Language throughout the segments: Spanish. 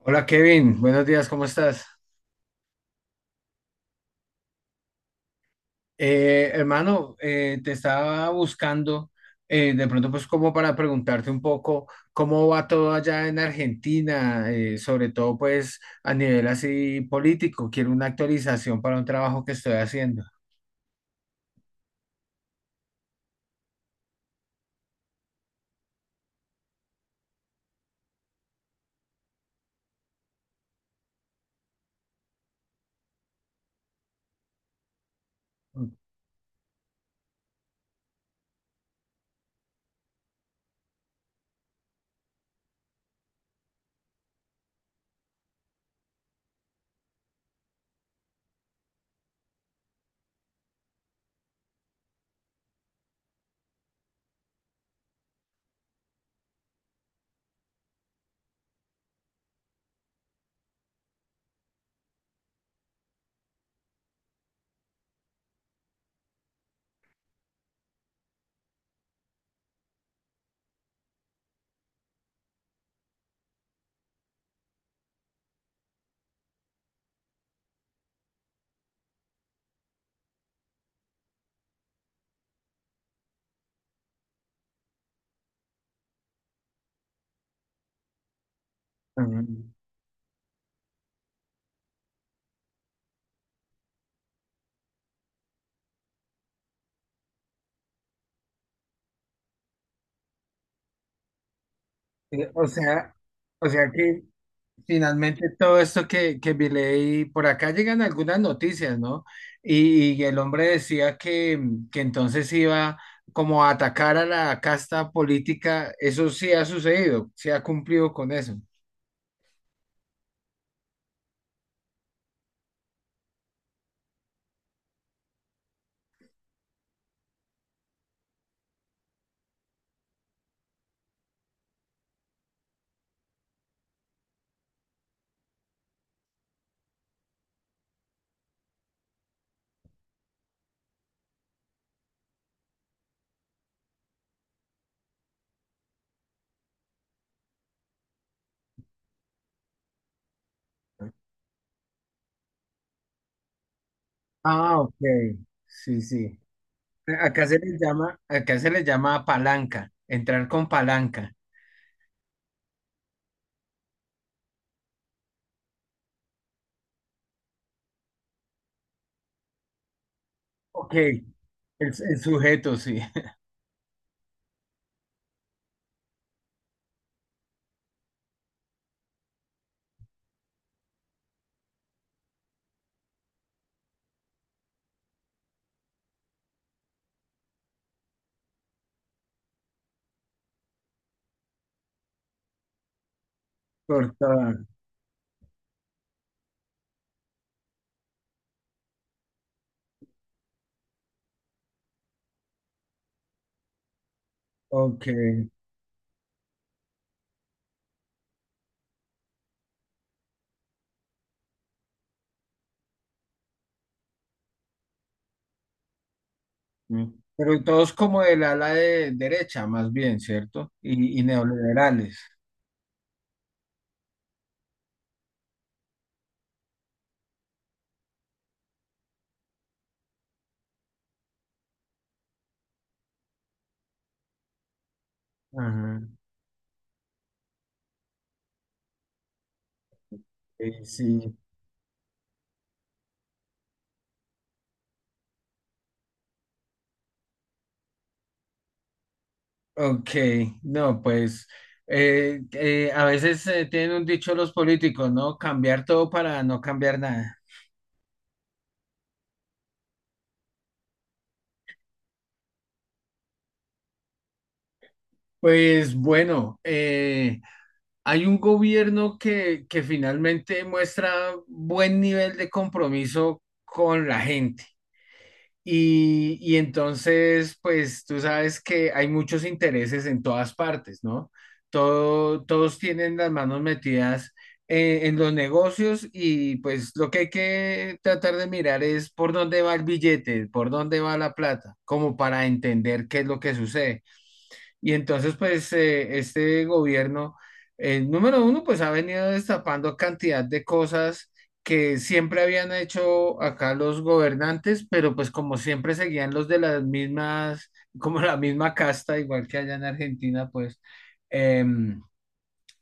Hola Kevin, buenos días, ¿cómo estás? Hermano, te estaba buscando de pronto, pues, como para preguntarte un poco cómo va todo allá en Argentina, sobre todo pues a nivel así político. Quiero una actualización para un trabajo que estoy haciendo. Mm. eh, O sea, o sea que finalmente, todo esto que vi, leí, por acá llegan algunas noticias, ¿no? Y el hombre decía que que entonces iba como a atacar a la casta política. Eso sí ha sucedido, sí ha cumplido con eso. Ah, ok. Sí, sí. Acá se les llama palanca, entrar con palanca. Ok, el sujeto, sí. Cortar. Ok. Mm. Pero y todos como del ala de derecha, más bien, ¿cierto? Y neoliberales. Ajá. Sí. Ok, no, pues, a veces tienen un dicho los políticos, ¿no? Cambiar todo para no cambiar nada. Pues bueno, hay un gobierno que finalmente muestra buen nivel de compromiso con la gente. Y entonces, pues tú sabes que hay muchos intereses en todas partes, ¿no? Todos tienen las manos metidas en los negocios y pues lo que hay que tratar de mirar es por dónde va el billete, por dónde va la plata, como para entender qué es lo que sucede. Y entonces, pues, este gobierno, número uno, pues ha venido destapando cantidad de cosas que siempre habían hecho acá los gobernantes, pero pues como siempre seguían los de las mismas, como la misma casta, igual que allá en Argentina, pues. em,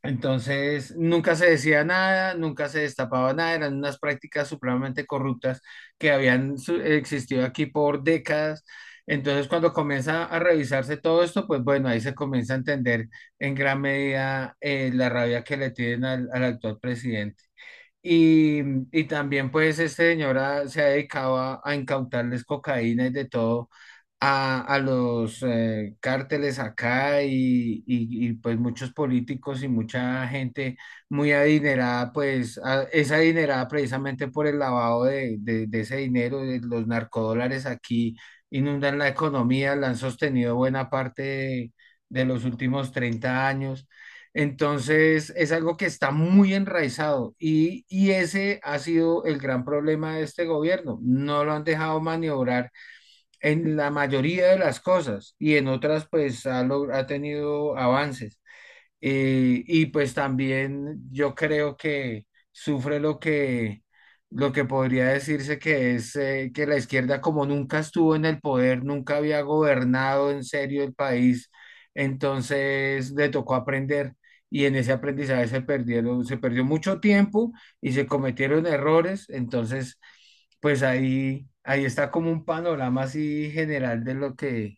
entonces, nunca se decía nada, nunca se destapaba nada, eran unas prácticas supremamente corruptas que existido aquí por décadas. Entonces, cuando comienza a revisarse todo esto, pues bueno, ahí se comienza a entender en gran medida la rabia que le tienen al actual presidente. Y, y también pues este señor se ha dedicado a incautarles cocaína y de todo a los cárteles acá y pues muchos políticos y mucha gente muy adinerada, pues es adinerada precisamente por el lavado de ese dinero, de los narcodólares aquí inundan la economía, la han sostenido buena parte de los últimos 30 años. Entonces, es algo que está muy enraizado y ese ha sido el gran problema de este gobierno. No lo han dejado maniobrar en la mayoría de las cosas y en otras, pues, ha tenido avances. Y pues también yo creo que sufre lo que podría decirse que es que la izquierda, como nunca estuvo en el poder, nunca había gobernado en serio el país, entonces le tocó aprender y en ese aprendizaje se perdieron, se perdió mucho tiempo y se cometieron errores, entonces pues ahí está como un panorama así general de lo que,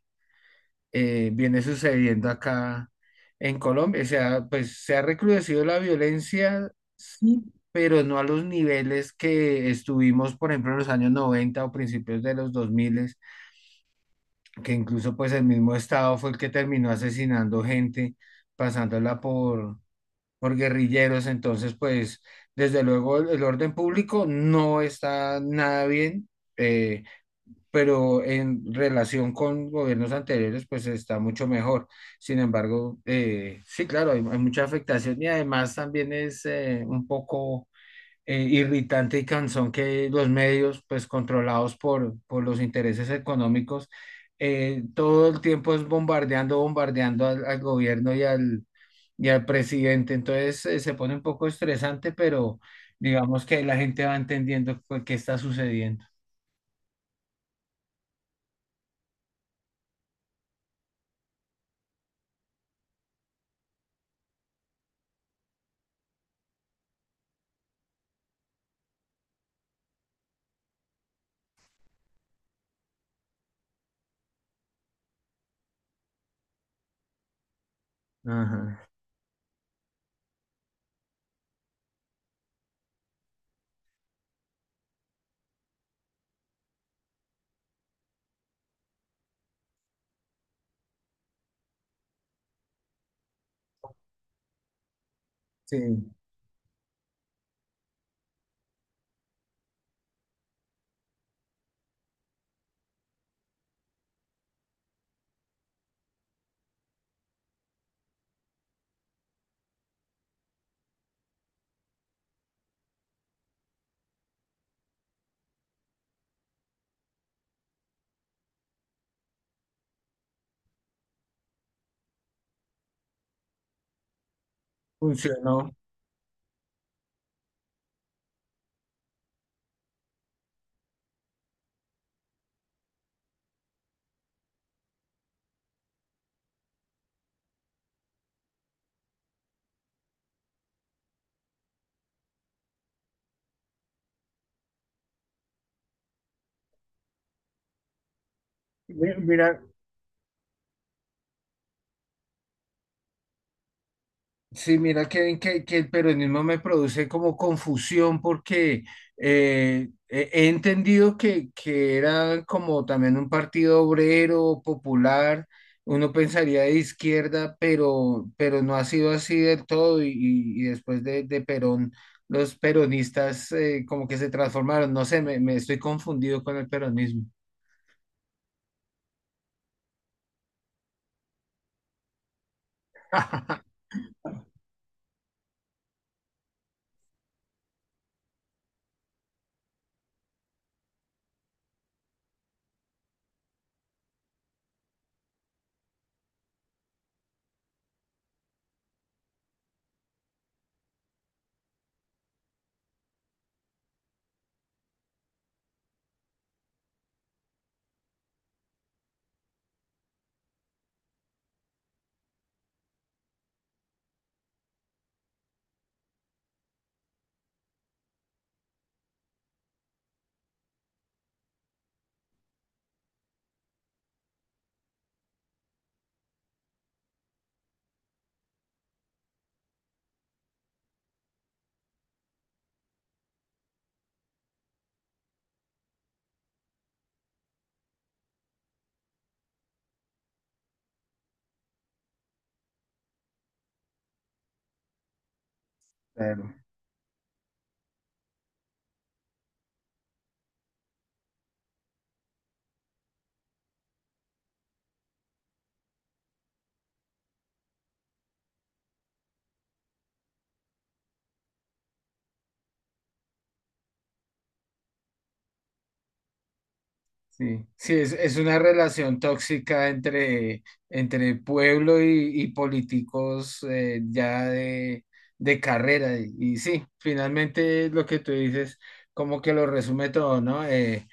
eh, viene sucediendo acá en Colombia. O sea, pues se ha recrudecido la violencia, sí, pero no a los niveles que estuvimos, por ejemplo, en los años 90 o principios de los 2000, que incluso pues el mismo Estado fue el que terminó asesinando gente, pasándola por guerrilleros. Entonces, pues, desde luego el orden público no está nada bien. eh, pero en relación con gobiernos anteriores, pues está mucho mejor. Sin embargo, sí, claro, hay mucha afectación y además también es un poco irritante y cansón que los medios, pues controlados por los intereses económicos, todo el tiempo es bombardeando, bombardeando al gobierno y al presidente. Entonces, se pone un poco estresante, pero digamos que la gente va entendiendo, pues, qué está sucediendo. Ajá. Sí. Funcionó. Mira, sí, mira que el peronismo me produce como confusión porque he entendido que era como también un partido obrero, popular, uno pensaría de izquierda, pero no ha sido así del todo y después de Perón, los peronistas como que se transformaron, no sé, me estoy confundido con el peronismo. Claro. Sí, sí, es una relación tóxica entre entre pueblo y políticos ya de carrera. Y sí, finalmente lo que tú dices, como que lo resume todo, ¿no? Eh,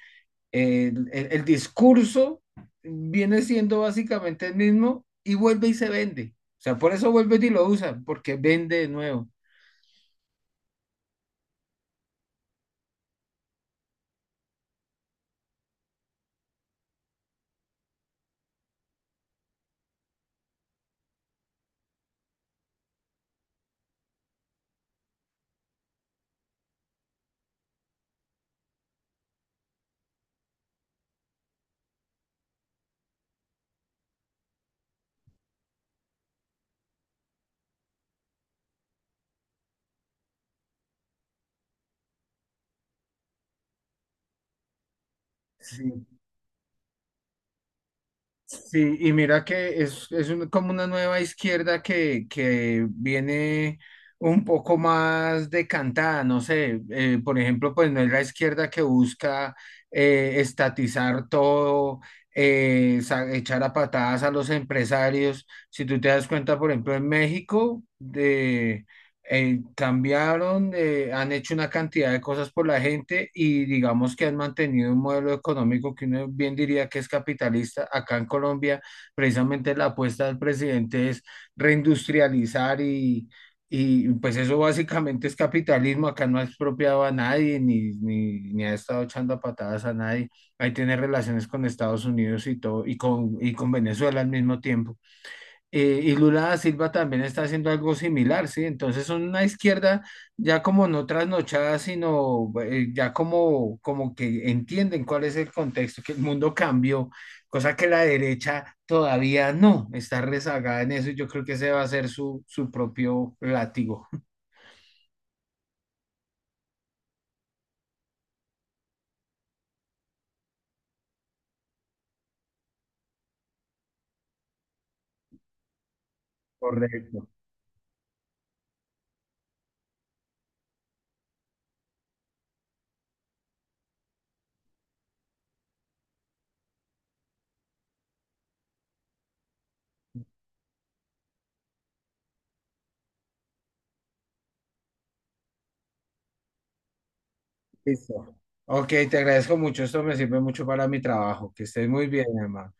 el, el- El discurso viene siendo básicamente el mismo y vuelve y se vende. O sea, por eso vuelve y lo usan, porque vende de nuevo. Sí, y mira que es como una nueva izquierda que viene un poco más decantada, no sé, por ejemplo, pues no es la izquierda que busca estatizar todo, echar a patadas a los empresarios. Si tú te das cuenta, por ejemplo, en México, cambiaron, han hecho una cantidad de cosas por la gente y digamos que han mantenido un modelo económico que uno bien diría que es capitalista. Acá en Colombia, precisamente la apuesta del presidente es reindustrializar y pues eso básicamente es capitalismo. Acá no ha expropiado a nadie ni ha estado echando a patadas a nadie. Ahí tiene relaciones con Estados Unidos y todo y y con Venezuela al mismo tiempo. Y Lula da Silva también está haciendo algo similar, ¿sí? Entonces son una izquierda ya como no trasnochada, sino ya como, como que entienden cuál es el contexto, que el mundo cambió, cosa que la derecha todavía no, está rezagada en eso y yo creo que ese va a ser su, su propio látigo. Correcto. Listo. Ok, te agradezco mucho, esto me sirve mucho para mi trabajo, que estés muy bien, hermano.